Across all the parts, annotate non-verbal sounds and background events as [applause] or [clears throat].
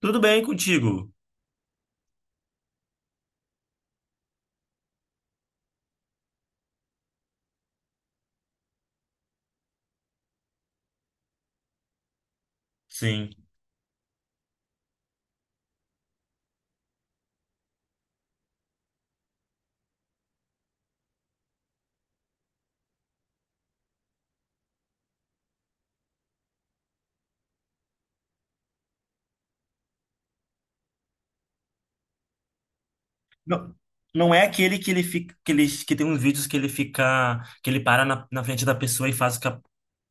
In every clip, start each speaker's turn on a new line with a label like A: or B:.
A: Tudo bem contigo? Sim. Não, não é aquele que ele fica, que ele, que tem uns vídeos que ele fica, que ele para na frente da pessoa e faz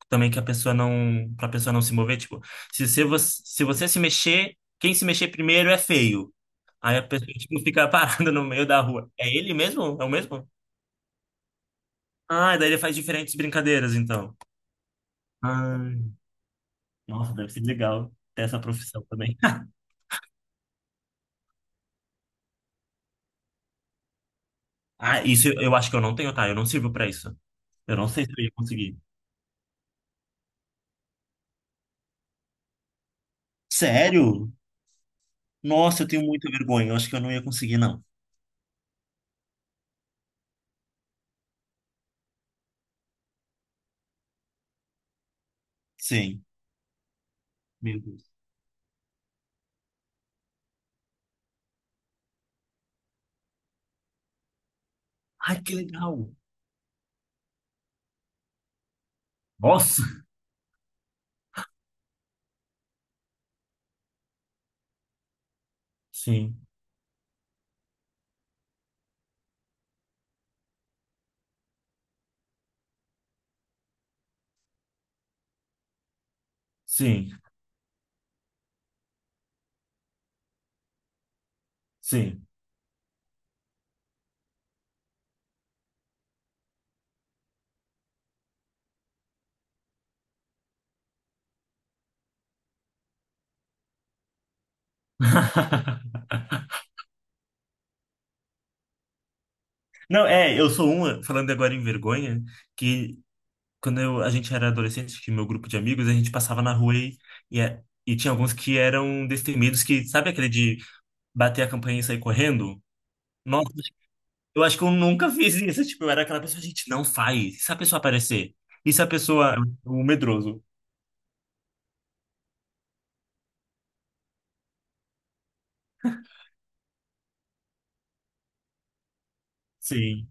A: também que a pessoa não, pra pessoa não se mover, tipo, se você se mexer, quem se mexer primeiro é feio. Aí a pessoa, tipo, fica [laughs] parada no meio da rua. É ele mesmo? É o mesmo? Ah, daí ele faz diferentes brincadeiras, então. Ah, nossa, deve ser legal ter essa profissão também. [laughs] Ah, isso eu acho que eu não tenho, tá? Eu não sirvo pra isso. Eu não sei se eu ia conseguir. Sério? Nossa, eu tenho muita vergonha. Eu acho que eu não ia conseguir, não. Sim. Meu Deus. Ai, que legal. Nossa. Sim, sim, sim. [laughs] Não, é, eu sou uma, falando agora em vergonha, que quando eu, a gente era adolescente, que meu grupo de amigos, a gente passava na rua e, e tinha alguns que eram destemidos, que sabe aquele de bater a campainha e sair correndo? Nossa, eu acho que eu nunca fiz isso. Tipo, eu era aquela pessoa, gente, não faz. E se a pessoa aparecer? E se a pessoa. O medroso. Sim,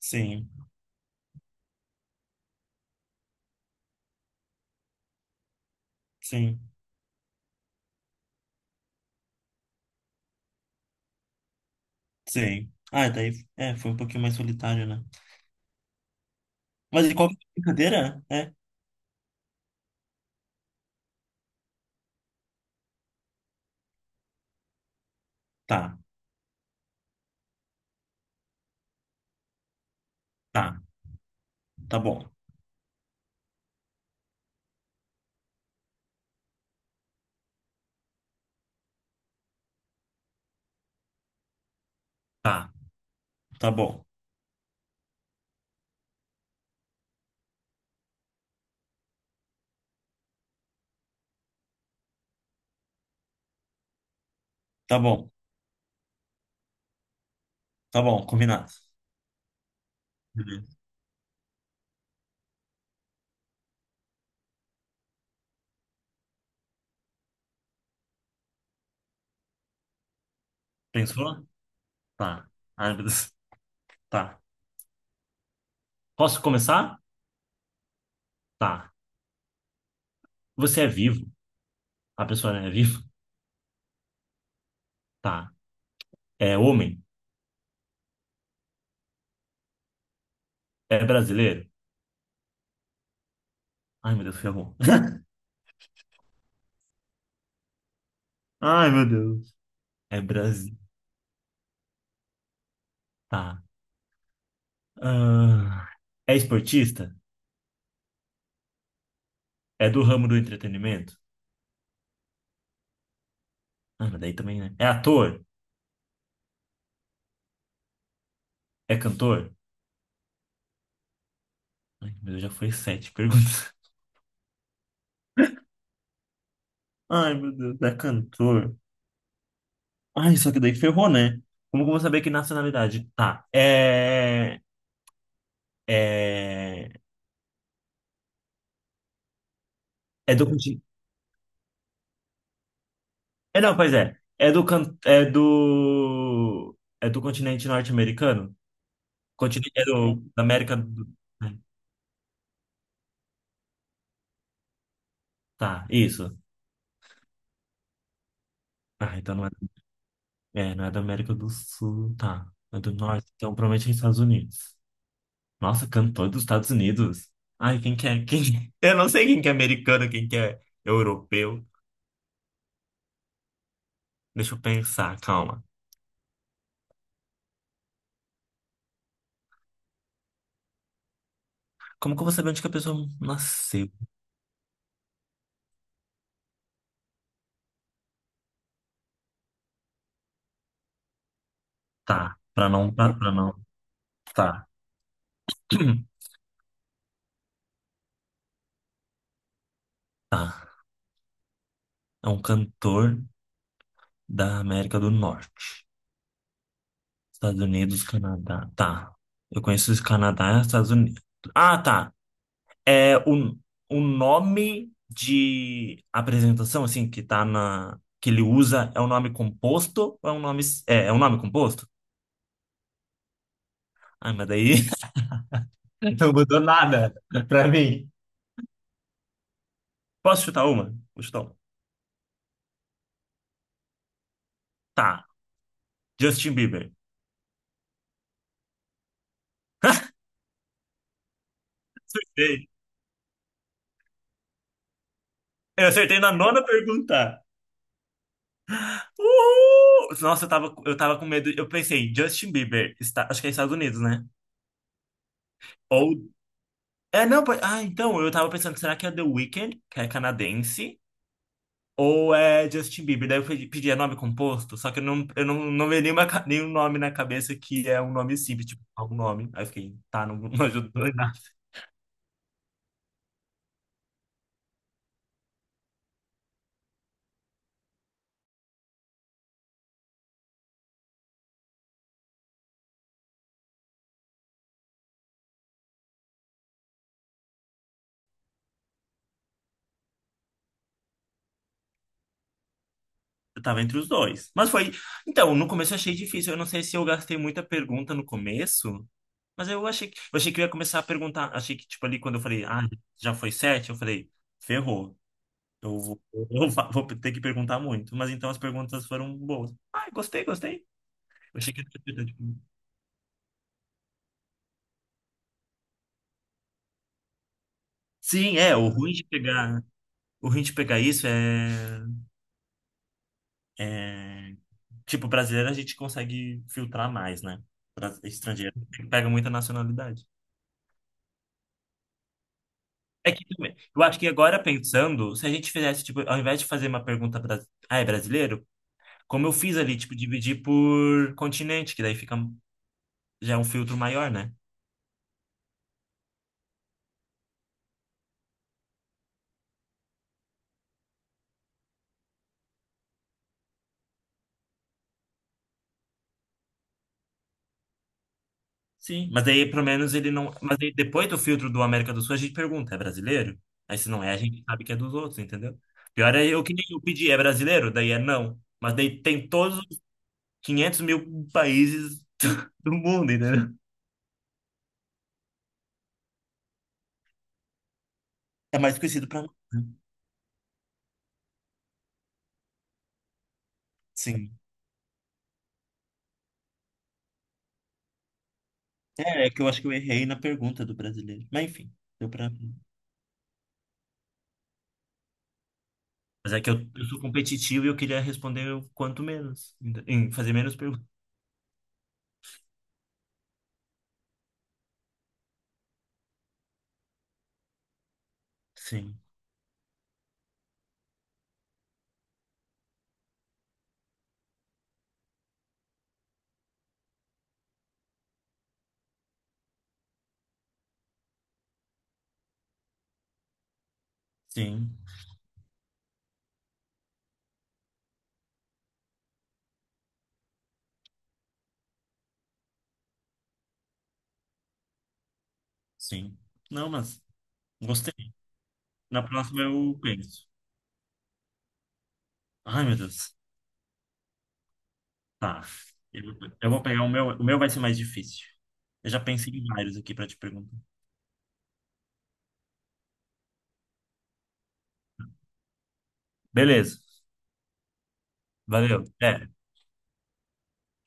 A: sim. Sim, sim. Ah, daí é, foi um pouquinho mais solitário, né? Mas em qualquer brincadeira, é. Tá, tá, tá bom. Tá, tá bom, tá bom, tá bom, combinado. Beleza. Pensou? Tá. Ai, meu Deus. Tá. Posso começar? Tá. Você é vivo? A pessoa é viva? Tá. É homem? É brasileiro? Ai, meu Deus, ferrou. [laughs] Ai, meu Deus. É Brasil. Tá. Ah, é esportista? É do ramo do entretenimento? Ah, mas daí também, né? É ator? É cantor? Ai, meu Deus, já foi sete perguntas. [laughs] Ai, meu Deus, é cantor. Ai, só que daí ferrou, né? Como que eu vou saber que nacionalidade? É... É do continente... É, não, pois é. É do continente norte-americano? Continente... É do... da América do... é, Tá, isso. Ah, então não é... é, não é da América do Sul, tá. É do Norte, então provavelmente é Estados Unidos. Nossa, cantor dos Estados Unidos. Ai, quem que é? Quem... [laughs] Eu não sei quem que é americano, quem que é europeu. Deixa eu pensar, calma. Como que eu vou saber onde que a pessoa nasceu? Pra não. Tá. [clears throat] Tá. É um cantor da América do Norte. Estados Unidos, Canadá. Tá. Eu conheço os Canadá e os Estados Unidos. Ah, tá. É o nome de apresentação, assim, que tá na... que ele usa, é um nome composto ou é um nome... É, é um nome composto? Ai, mas daí [laughs] não mudou nada pra mim. Posso chutar uma? Vou chutar uma. Tá, Justin Bieber. [laughs] Acertei. Eu acertei na nona pergunta. Uhul! Nossa, eu tava com medo. Eu pensei, Justin Bieber, está, acho que é Estados Unidos, né? Ou. É, não, pode- ah, então, eu tava pensando, será que é The Weeknd, que é canadense? Ou é Justin Bieber. Daí eu pedi, pedi, é nome composto, só que eu não, não veio nenhuma, nenhum nome na cabeça que é um nome simples, tipo, algum nome. Aí eu fiquei, tá, não ajudou em nada. Eu tava entre os dois. Mas foi. Então, no começo eu achei difícil. Eu não sei se eu gastei muita pergunta no começo, mas eu achei que, eu achei que eu ia começar a perguntar. Achei que, tipo, ali quando eu falei, ah, já foi sete, eu falei, ferrou. Eu vou, eu va- vou ter que perguntar muito. Mas então as perguntas foram boas. Ah, gostei, gostei. Eu achei que. Sim, é, o ruim de pegar. O ruim de pegar isso é, é... Tipo, brasileiro a gente consegue filtrar mais, né? Pra- Estrangeiro pega muita nacionalidade. É que também, eu acho que agora pensando, se a gente fizesse, tipo, ao invés de fazer uma pergunta, bras- ah, é brasileiro? Como eu fiz ali, tipo, dividir por continente, que daí fica, já é um filtro maior, né? Sim, mas aí pelo menos ele não. Mas aí, depois do filtro do América do Sul, a gente pergunta: é brasileiro? Aí se não é, a gente sabe que é dos outros, entendeu? Pior é eu que nem eu pedi: é brasileiro? Daí é não. Mas daí tem todos os 500 mil países do mundo, entendeu? É mais conhecido pra nós. Né? Sim. É, é que eu acho que eu errei na pergunta do brasileiro. Mas enfim, deu pra. Mas é que eu sou competitivo e eu queria responder o quanto menos, ent- em fazer menos perguntas. Sim, sim, sim. Não, mas gostei. Na próxima eu penso. Ai, meu Deus. Tá. Eu, eu vou pegar o meu. O meu vai ser mais difícil. Eu já pensei em vários aqui pra te perguntar. Beleza. Valeu. Até.